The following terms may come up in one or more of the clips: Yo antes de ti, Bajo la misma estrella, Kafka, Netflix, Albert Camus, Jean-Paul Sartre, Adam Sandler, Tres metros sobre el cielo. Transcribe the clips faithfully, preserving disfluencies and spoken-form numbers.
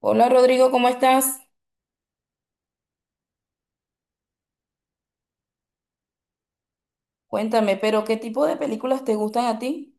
Hola Rodrigo, ¿cómo estás? Cuéntame, pero ¿qué tipo de películas te gustan a ti?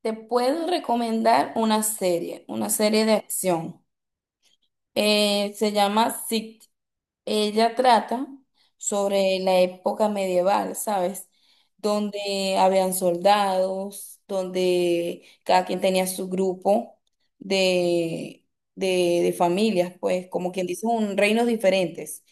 Te puedo recomendar una serie, una serie de acción. Eh, se llama Ella. Trata sobre la época medieval, ¿sabes? Donde habían soldados, donde cada quien tenía su grupo de, de, de familias, pues, como quien dice, un reinos diferentes.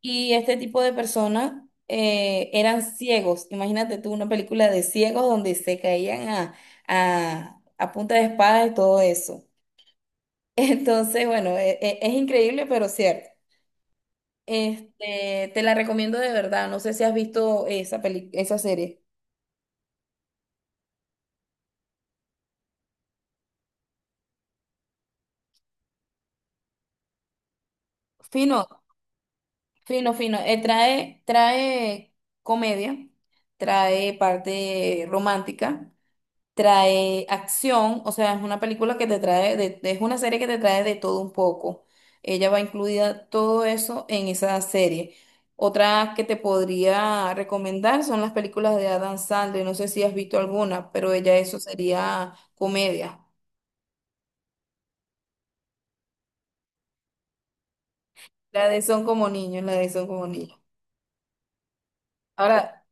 Y este tipo de personas eh, eran ciegos. Imagínate tú una película de ciegos donde se caían a, a, a punta de espada y todo eso. Entonces, bueno, e- e- es increíble, pero cierto. Este, te la recomiendo de verdad. No sé si has visto esa peli, esa serie. Fino, fino, fino. Eh, trae, trae comedia, trae parte romántica, trae acción. O sea, es una película que te trae, de- es una serie que te trae de todo un poco. Ella va incluida todo eso en esa serie. Otra que te podría recomendar son las películas de Adam Sandler. No sé si has visto alguna, pero ella eso sería comedia. La de Son como niños, la de Son como niños. Ahora,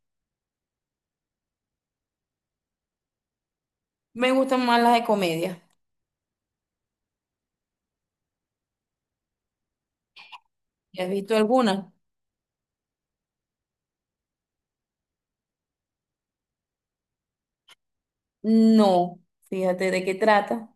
me gustan más las de comedia. ¿Has visto alguna? No. Fíjate de qué trata.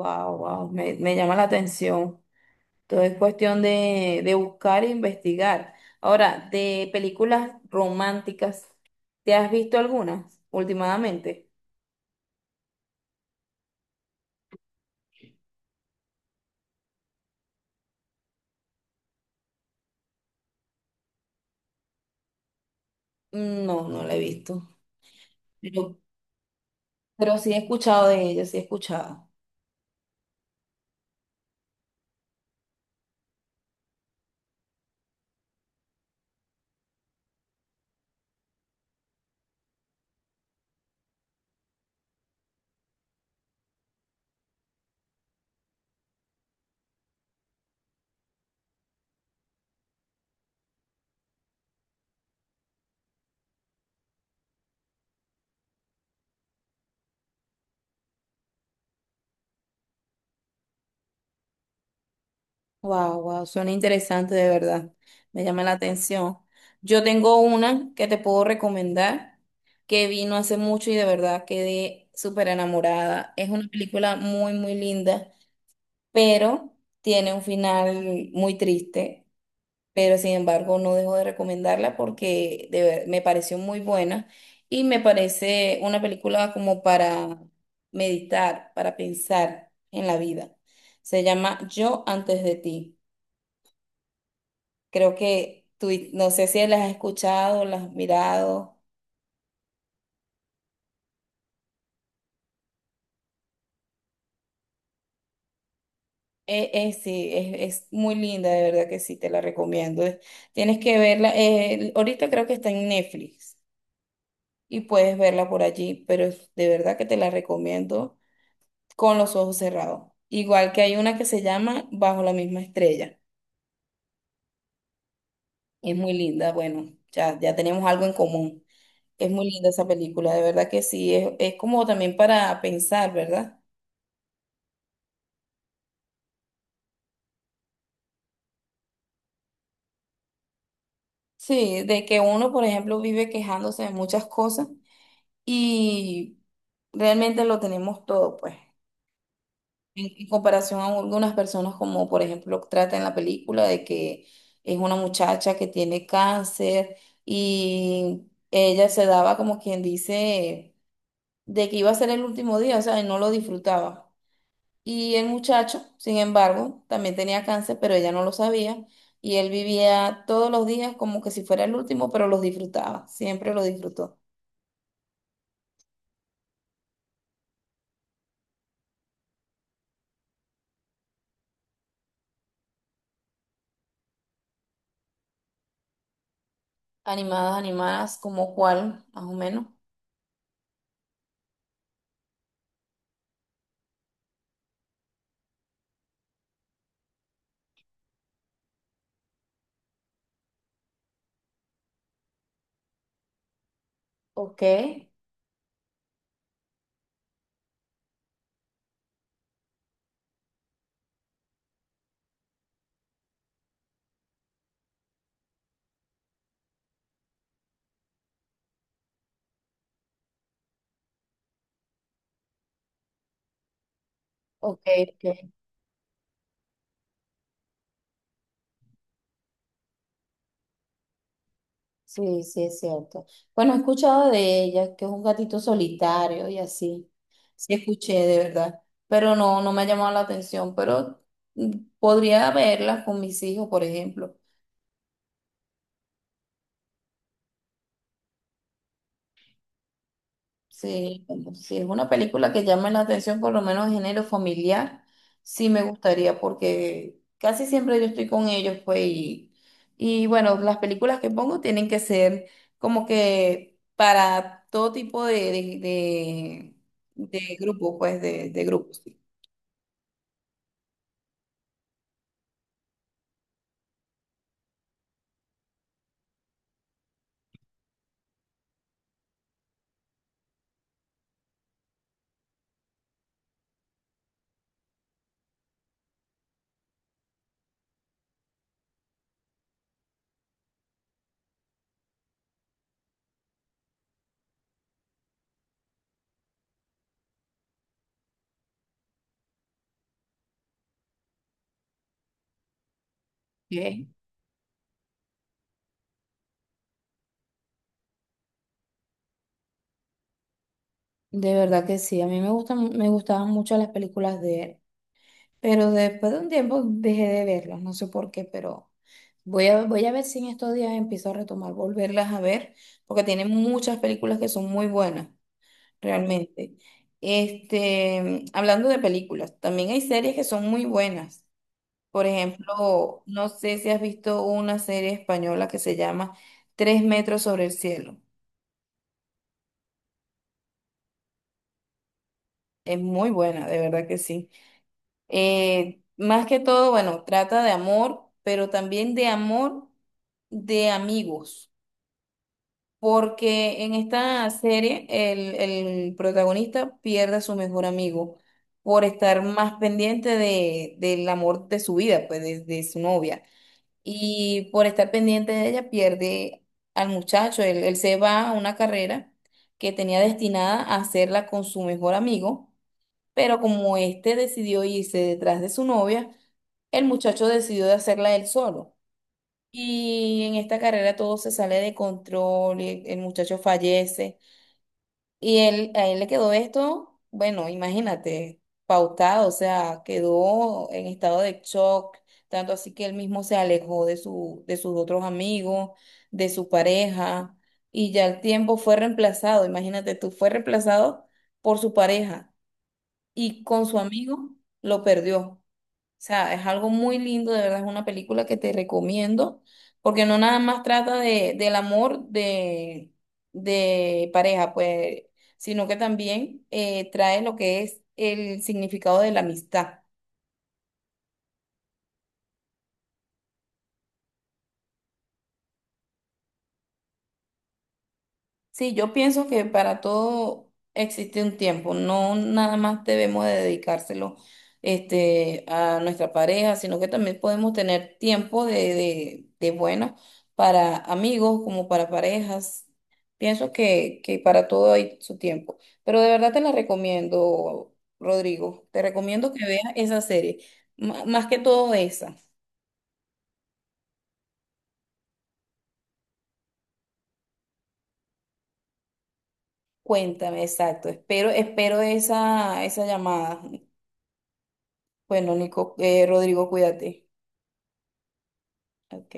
Wow, wow, me, me llama la atención. Todo es cuestión de, de buscar e investigar. Ahora, de películas románticas, ¿te has visto algunas últimamente? No, no la he visto. Pero, pero sí he escuchado de ellas, sí he escuchado. Wow, wow, suena interesante de verdad. Me llama la atención. Yo tengo una que te puedo recomendar que vino hace mucho y de verdad quedé súper enamorada. Es una película muy, muy linda, pero tiene un final muy triste. Pero sin embargo, no dejo de recomendarla porque de ver- me pareció muy buena y me parece una película como para meditar, para pensar en la vida. Se llama Yo antes de ti. Creo que tú, no sé si las has escuchado, las has mirado. Eh, eh, sí, es, es muy linda, de verdad que sí, te la recomiendo. Eh, Tienes que verla. Eh, ahorita creo que está en Netflix y puedes verla por allí, pero es- de verdad que te la recomiendo con los ojos cerrados. Igual que hay una que se llama Bajo la misma estrella. Es muy linda, bueno, ya, ya tenemos algo en común. Es muy linda esa película, de verdad que sí, es, es como también para pensar, ¿verdad? Sí, de que uno, por ejemplo, vive quejándose de muchas cosas y realmente lo tenemos todo, pues, en, en comparación a algunas personas como, por ejemplo, trata en la película de que es una muchacha que tiene cáncer y ella se daba como quien dice de que iba a ser el último día, o sea, y no lo disfrutaba. Y el muchacho, sin embargo, también tenía cáncer, pero ella no lo sabía. Y él vivía todos los días como que si fuera el último, pero los disfrutaba, siempre los disfrutó. Animadas, animadas, como cuál, más o menos. Ok, ok, ok. Sí, sí, es cierto. Bueno, he escuchado de ella, que es un gatito solitario y así. Sí, escuché, de verdad. Pero no, no me ha llamado la atención, pero mm, podría verla con mis hijos, por ejemplo. Sí, si es una película que llame la atención, por lo menos género familiar, sí me gustaría porque casi siempre yo estoy con ellos, pues, y, y bueno, las películas que pongo tienen que ser como que para todo tipo de, de, de, de grupo, pues, de, de grupos. Ok. De verdad que sí, a mí me gustan, me gustaban mucho las películas de él. Pero después de un tiempo dejé de verlas, no sé por qué, pero voy a, voy a ver si en estos días empiezo a retomar, volverlas a ver, porque tienen muchas películas que son muy buenas, realmente. Este, hablando de películas, también hay series que son muy buenas. Por ejemplo, no sé si has visto una serie española que se llama Tres metros sobre el cielo. Es muy buena, de verdad que sí. Eh, más que todo, bueno, trata de amor, pero también de amor de amigos, porque en esta serie el, el protagonista pierde a su mejor amigo por estar más pendiente de, del amor de su vida, pues de, de su novia, y por estar pendiente de ella pierde al muchacho, él, él se va a una carrera que tenía destinada a hacerla con su mejor amigo, pero como este decidió irse detrás de su novia, el muchacho decidió de hacerla él solo. Y en esta carrera todo se sale de control y el el muchacho fallece. Y él, a él le quedó esto, bueno, imagínate, pautado, o sea, quedó en estado de shock, tanto así que él mismo se alejó de su, de sus otros amigos, de su pareja, y ya el tiempo fue reemplazado, imagínate tú, fue reemplazado por su pareja y con su amigo lo perdió. O sea, es algo muy lindo, de verdad, es una película que te recomiendo, porque no nada más trata de, del amor de, de pareja, pues, sino que también eh, trae lo que es el significado de la amistad. Sí, yo pienso que para todo existe un tiempo, no nada más debemos de dedicárselo este, a nuestra pareja, sino que también podemos tener tiempo de, de, de bueno para amigos como para parejas. Pienso que, que para todo hay su tiempo, pero de verdad te la recomiendo, Rodrigo, te recomiendo que veas esa serie, M- más que todo esa. Cuéntame, exacto, espero, espero esa, esa llamada. Bueno, Nico, eh, Rodrigo, cuídate. Ok.